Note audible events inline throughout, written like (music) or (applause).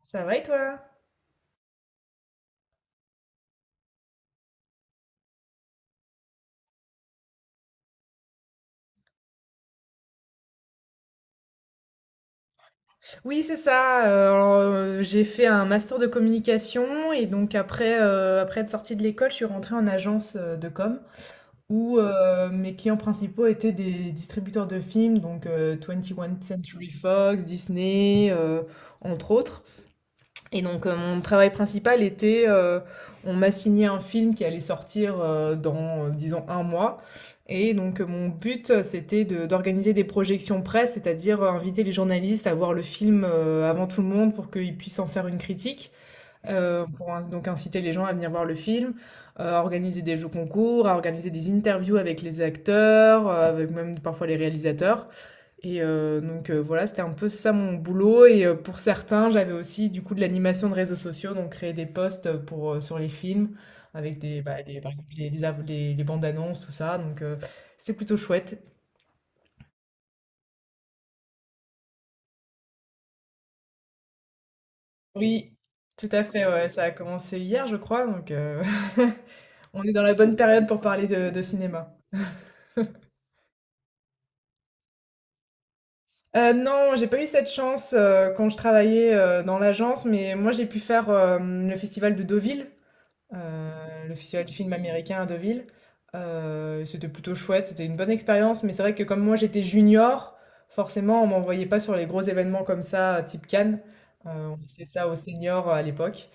Ça va et toi? Oui, c'est ça. J'ai fait un master de communication et donc après, après être sortie de l'école, je suis rentrée en agence de com où mes clients principaux étaient des distributeurs de films, donc 21 Century Fox, Disney, entre autres. Et donc mon travail principal était, on m'a signé un film qui allait sortir disons, un mois. Et donc mon but, c'était d'organiser des projections presse, c'est-à-dire inviter les journalistes à voir le film avant tout le monde pour qu'ils puissent en faire une critique, donc inciter les gens à venir voir le film, à organiser des jeux concours, à organiser des interviews avec les acteurs, avec même parfois les réalisateurs. Voilà, c'était un peu ça mon boulot et pour certains, j'avais aussi du coup de l'animation de réseaux sociaux, donc créer des posts, pour, sur les films avec des, bah, les par exemple les av les bandes annonces, tout ça, c'était plutôt chouette. Oui, tout à fait, ouais, ça a commencé hier, je crois, (laughs) on est dans la bonne période pour parler de cinéma. Non, j'ai pas eu cette chance, quand je travaillais, dans l'agence, mais moi j'ai pu faire, le festival de Deauville. Heu, le festival du film américain à Deauville. C'était plutôt chouette, c'était une bonne expérience, mais c'est vrai que comme moi j'étais junior, forcément on m'envoyait pas sur les gros événements comme ça, type Cannes. On faisait ça aux seniors à l'époque.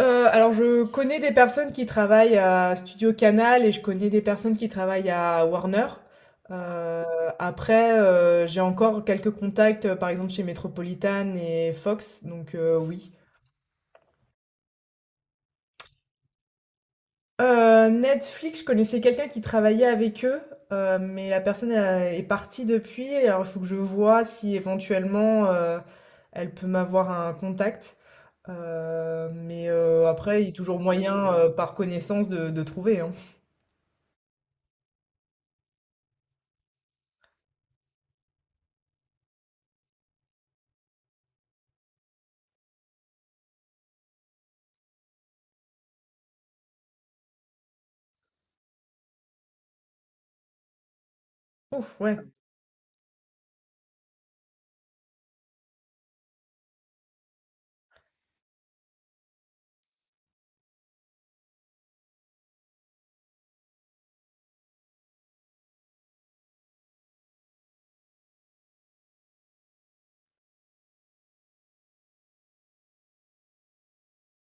Alors je connais des personnes qui travaillent à Studio Canal et je connais des personnes qui travaillent à Warner. Heu, après, j'ai encore quelques contacts, par exemple chez Metropolitan et Fox, oui. Netflix, je connaissais quelqu'un qui travaillait avec eux, mais la personne a est partie depuis. Alors il faut que je vois si éventuellement, elle peut m'avoir un contact. Mais après, il y a toujours moyen, par connaissance de trouver, hein. Ouf, ouais,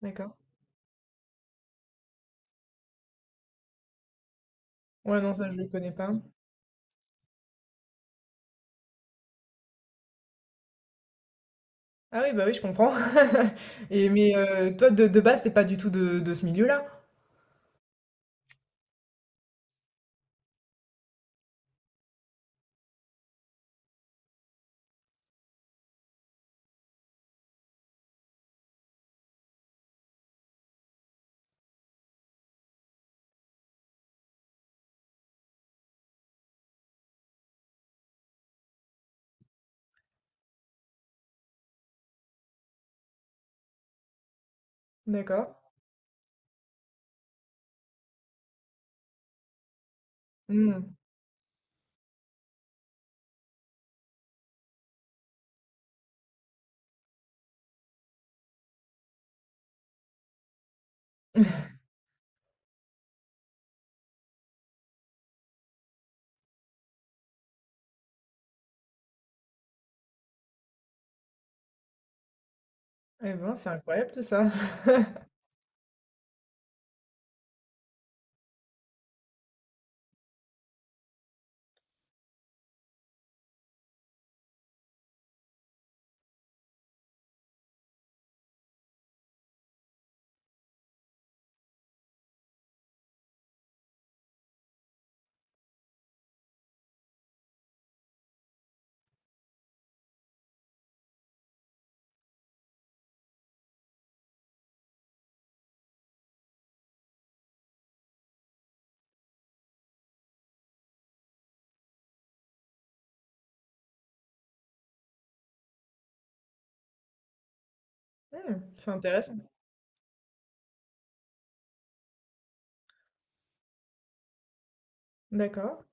d'accord. Ouais, non, ça, je le connais pas. Ah oui, bah oui, je comprends. (laughs) Et mais toi, de base, t'es pas du tout de ce milieu-là? D'accord. Mmh. Et ben, c'est incroyable tout ça. (laughs) Mmh, c'est intéressant. D'accord.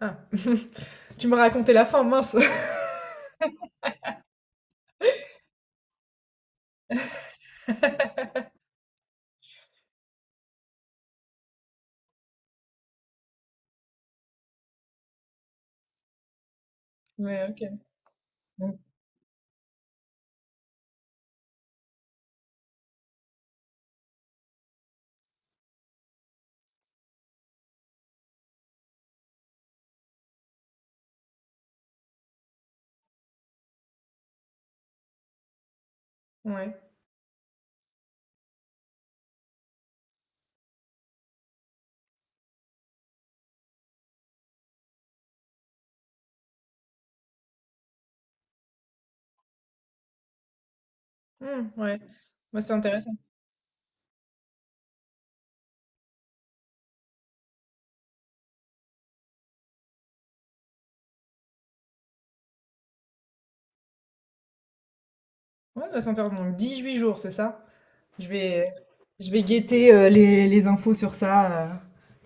Ah. (laughs) Tu me racontais la fin, mince. (laughs) Mais OK. Mmh. Ouais. Mmh, ouais. Bah, c'est intéressant. Ouais, bah, c'est intéressant. Donc dix-huit jours, c'est ça? Je vais, je vais guetter les infos sur ça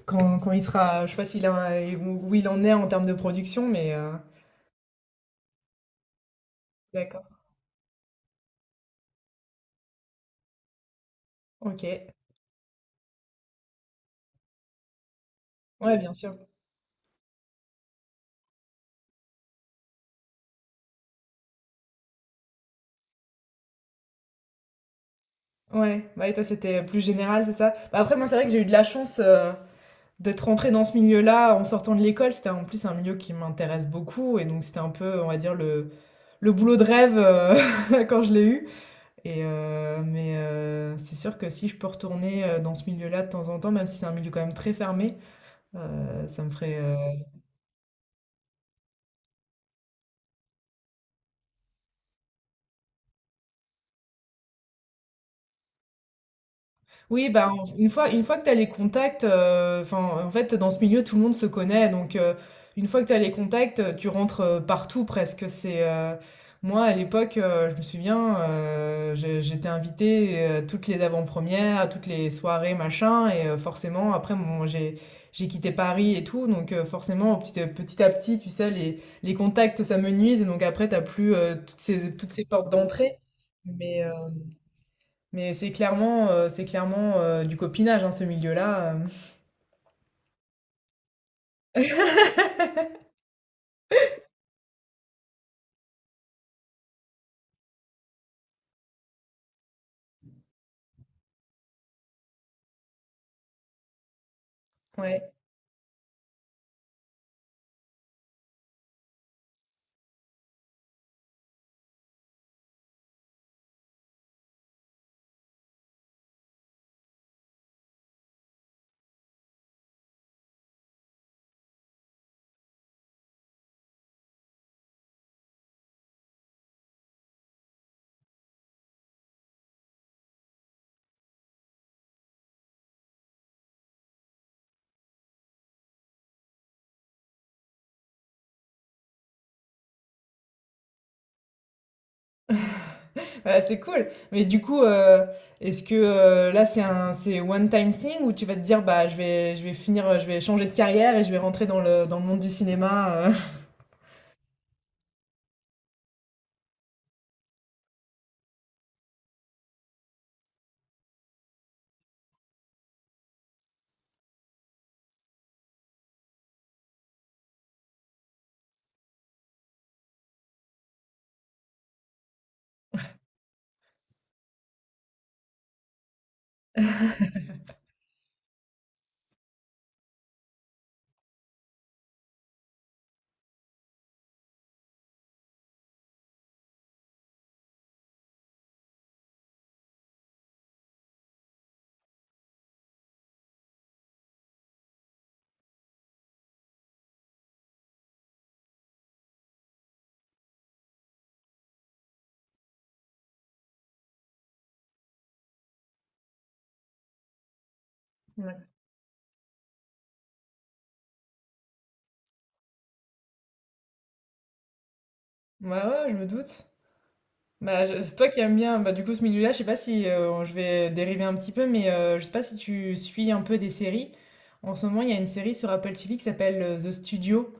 quand, quand il sera. Je sais pas s'il a, où où il en est en termes de production, mais d'accord. Ok. Ouais, bien sûr. Ouais. Bah, et toi, c'était plus général, c'est ça? Bah, après, moi, c'est vrai que j'ai eu de la chance. D'être rentrée dans ce milieu-là en sortant de l'école, c'était en plus un milieu qui m'intéresse beaucoup et donc c'était un peu, on va dire, le boulot de rêve (laughs) quand je l'ai eu. Mais c'est sûr que si je peux retourner dans ce milieu-là de temps en temps, même si c'est un milieu quand même très fermé, ça me ferait, Oui, bah, une fois que tu as les contacts, enfin, en fait, dans ce milieu, tout le monde se connaît. Donc, une fois que tu as les contacts, tu rentres partout presque. Moi, à l'époque, je me souviens, j'étais invitée toutes les avant-premières, toutes les soirées, machin. Et forcément, après, bon, j'ai quitté Paris et tout. Donc, forcément, petit à petit, tu sais, les contacts, ça me nuise. Et donc, après, tu n'as plus toutes ces portes d'entrée. Mais. euh, mais c'est clairement du copinage, hein, ce milieu-là. (laughs) Ouais, bah, c'est cool. Mais du coup, est-ce que là, c'est one time thing ou tu vas te dire, bah, je vais finir, je vais changer de carrière et je vais rentrer dans le monde du cinéma. Ouais. (laughs) Ouais, ouais, je me doute. Bah, c'est toi qui aimes bien, bah, du coup, ce milieu-là, je sais pas si je vais dériver un petit peu, mais je sais pas si tu suis un peu des séries. En ce moment, il y a une série sur Apple TV qui s'appelle The Studio,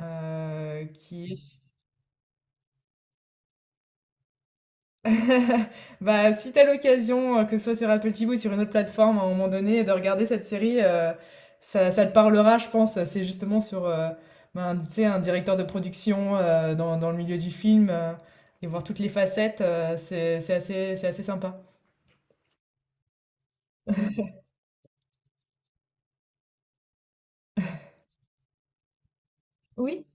qui est (laughs) Bah, si t'as l'occasion, que ce soit sur Apple TV ou sur une autre plateforme, à un moment donné, de regarder cette série, ça te parlera, je pense. C'est justement sur, ben, tu sais, un directeur de production, dans le milieu du film, et voir toutes les facettes, c'est assez sympa. Oui,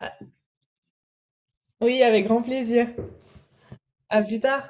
a oui, avec grand plaisir. À plus tard.